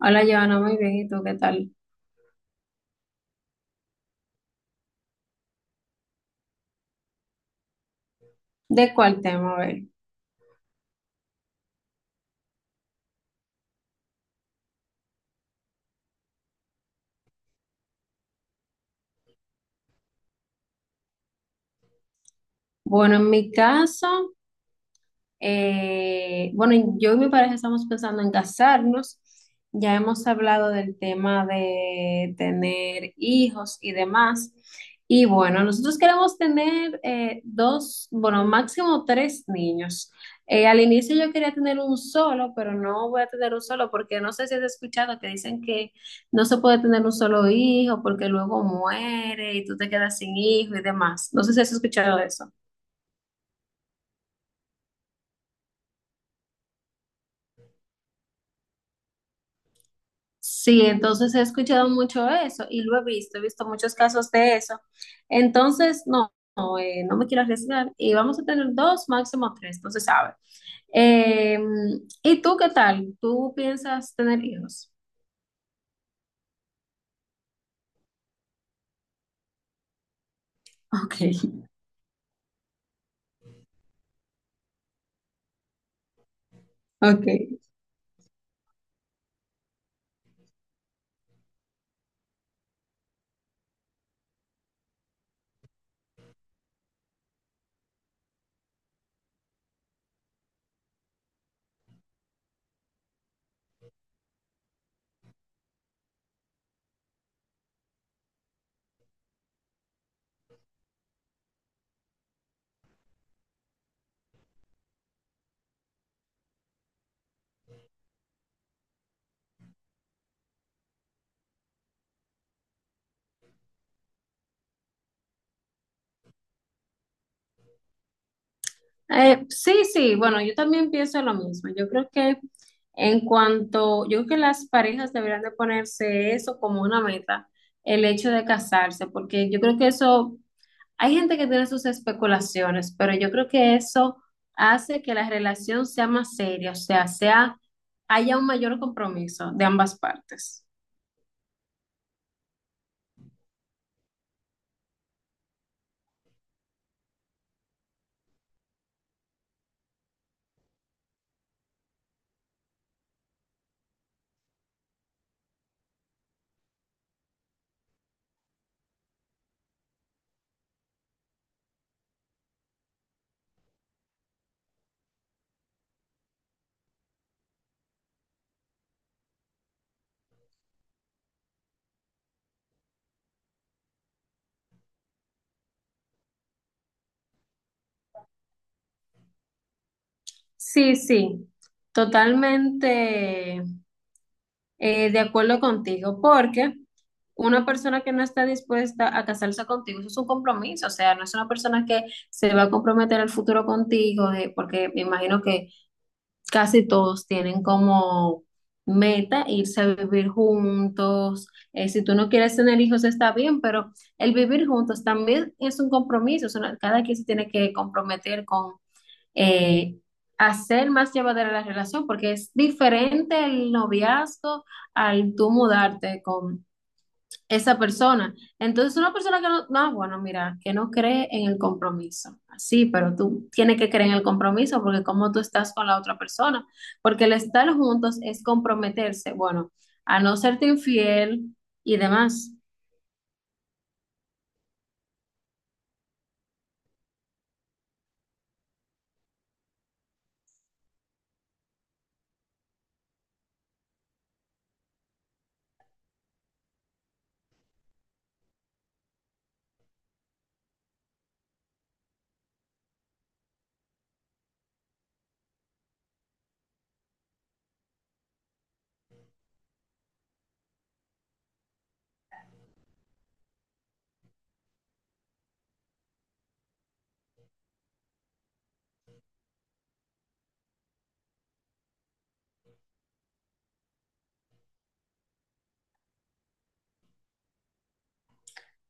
Hola, Joana, muy bien. ¿Y tú qué tal? ¿De cuál tema? A ver. Bueno, en mi caso, bueno, yo y mi pareja estamos pensando en casarnos. Ya hemos hablado del tema de tener hijos y demás. Y bueno, nosotros queremos tener dos, bueno, máximo tres niños. Al inicio yo quería tener un solo, pero no voy a tener un solo porque no sé si has escuchado que dicen que no se puede tener un solo hijo porque luego muere y tú te quedas sin hijo y demás. No sé si has escuchado eso. Sí, entonces he escuchado mucho eso y lo he visto muchos casos de eso. Entonces, no, no, no me quiero arriesgar y vamos a tener dos, máximo tres, no se sabe. Eh, ¿Y tú qué tal? ¿Tú piensas tener hijos? Ok, ok. Sí, sí, bueno, yo también pienso lo mismo. Yo creo que en cuanto, yo creo que las parejas deberían de ponerse eso como una meta, el hecho de casarse, porque yo creo que eso, hay gente que tiene sus especulaciones, pero yo creo que eso hace que la relación sea más seria, o sea, sea, haya un mayor compromiso de ambas partes. Sí, sí, totalmente de acuerdo contigo, porque una persona que no está dispuesta a casarse contigo, eso es un compromiso, o sea, no es una persona que se va a comprometer al futuro contigo, porque me imagino que casi todos tienen como meta irse a vivir juntos. Si tú no quieres tener hijos, está bien, pero el vivir juntos también es un compromiso. Es una, cada quien se tiene que comprometer con eh, hacer más llevadera la relación, porque es diferente el noviazgo al tú mudarte con esa persona. Entonces, una persona que bueno, mira, que no cree en el compromiso. Sí, pero tú tienes que creer en el compromiso porque como tú estás con la otra persona, porque el estar juntos es comprometerse, bueno, a no serte infiel y demás.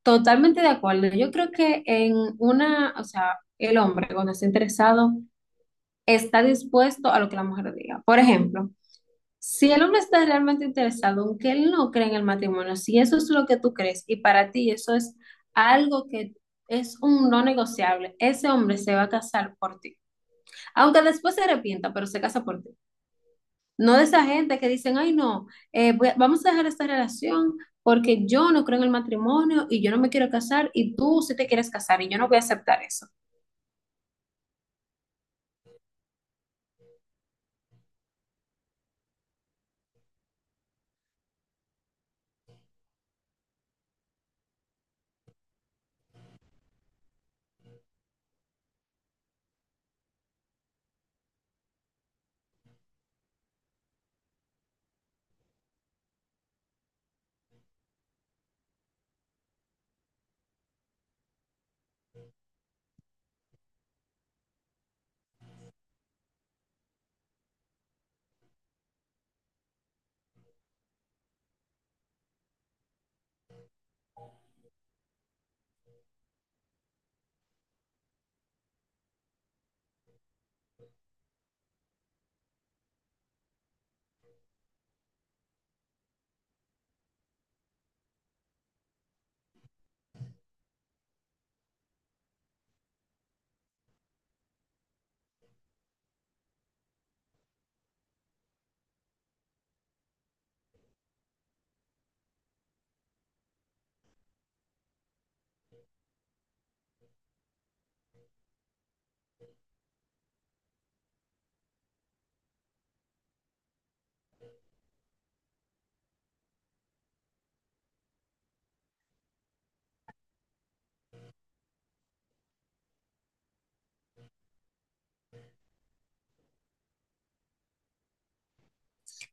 Totalmente de acuerdo. Yo creo que en una, o sea, el hombre cuando está interesado está dispuesto a lo que la mujer diga. Por ejemplo, si el hombre está realmente interesado, aunque él no cree en el matrimonio, si eso es lo que tú crees y para ti eso es algo que es un no negociable, ese hombre se va a casar por ti. Aunque después se arrepienta, pero se casa por ti. No de esa gente que dicen, ay, no, vamos a dejar esta relación porque yo no creo en el matrimonio y yo no me quiero casar y tú sí te quieres casar y yo no voy a aceptar eso.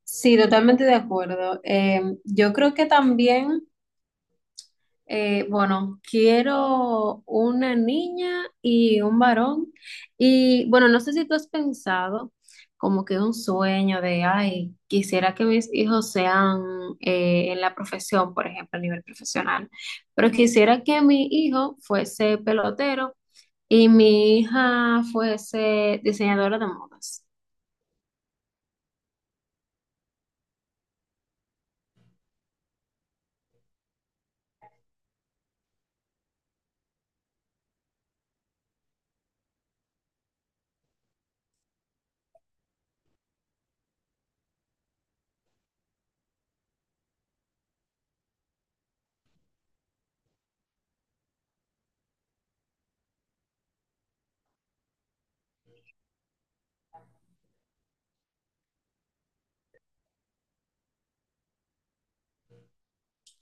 Sí, totalmente de acuerdo. Yo creo que también... bueno, quiero una niña y un varón. Y bueno, no sé si tú has pensado como que un sueño de, ay, quisiera que mis hijos sean en la profesión, por ejemplo, a nivel profesional, pero quisiera que mi hijo fuese pelotero y mi hija fuese diseñadora de modas.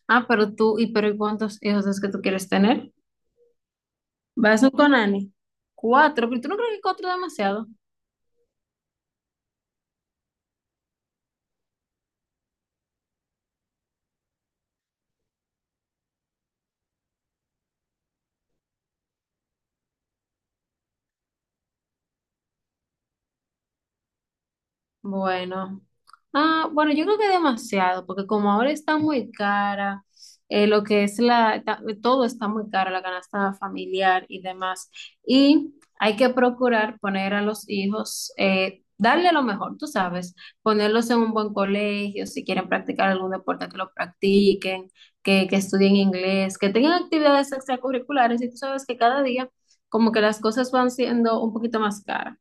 Ah, pero tú, ¿y cuántos hijos es que tú quieres tener? ¿Vas con Ani? Cuatro, pero tú no crees que cuatro es demasiado. Bueno, ah, bueno, yo creo que demasiado, porque como ahora está muy cara, lo que es la, todo está muy caro, la canasta familiar y demás, y hay que procurar poner a los hijos, darle lo mejor, tú sabes, ponerlos en un buen colegio, si quieren practicar algún deporte, que lo practiquen, que estudien inglés, que tengan actividades extracurriculares, y tú sabes que cada día como que las cosas van siendo un poquito más caras.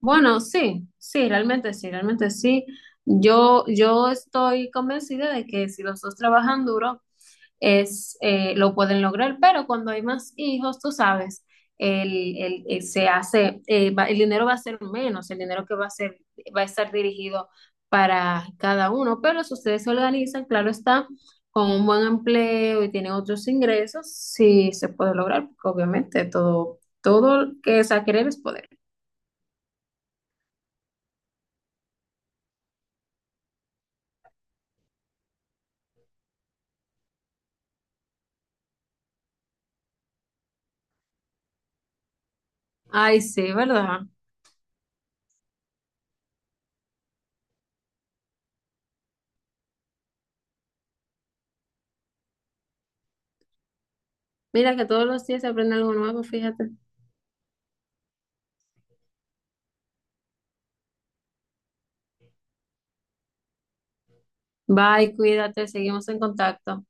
Bueno, sí, sí, realmente sí, realmente sí. Yo estoy convencida de que si los dos trabajan duro, es, lo pueden lograr, pero cuando hay más hijos, tú sabes, se hace, el dinero va a ser menos, el dinero que va a ser, va a estar dirigido para cada uno, pero si ustedes se organizan, claro está, con un buen empleo y tienen otros ingresos, sí se puede lograr, porque obviamente todo, todo que es a querer es poder. Ay, sí, ¿verdad? Mira que todos los días se aprende algo nuevo, fíjate. Bye, cuídate, seguimos en contacto.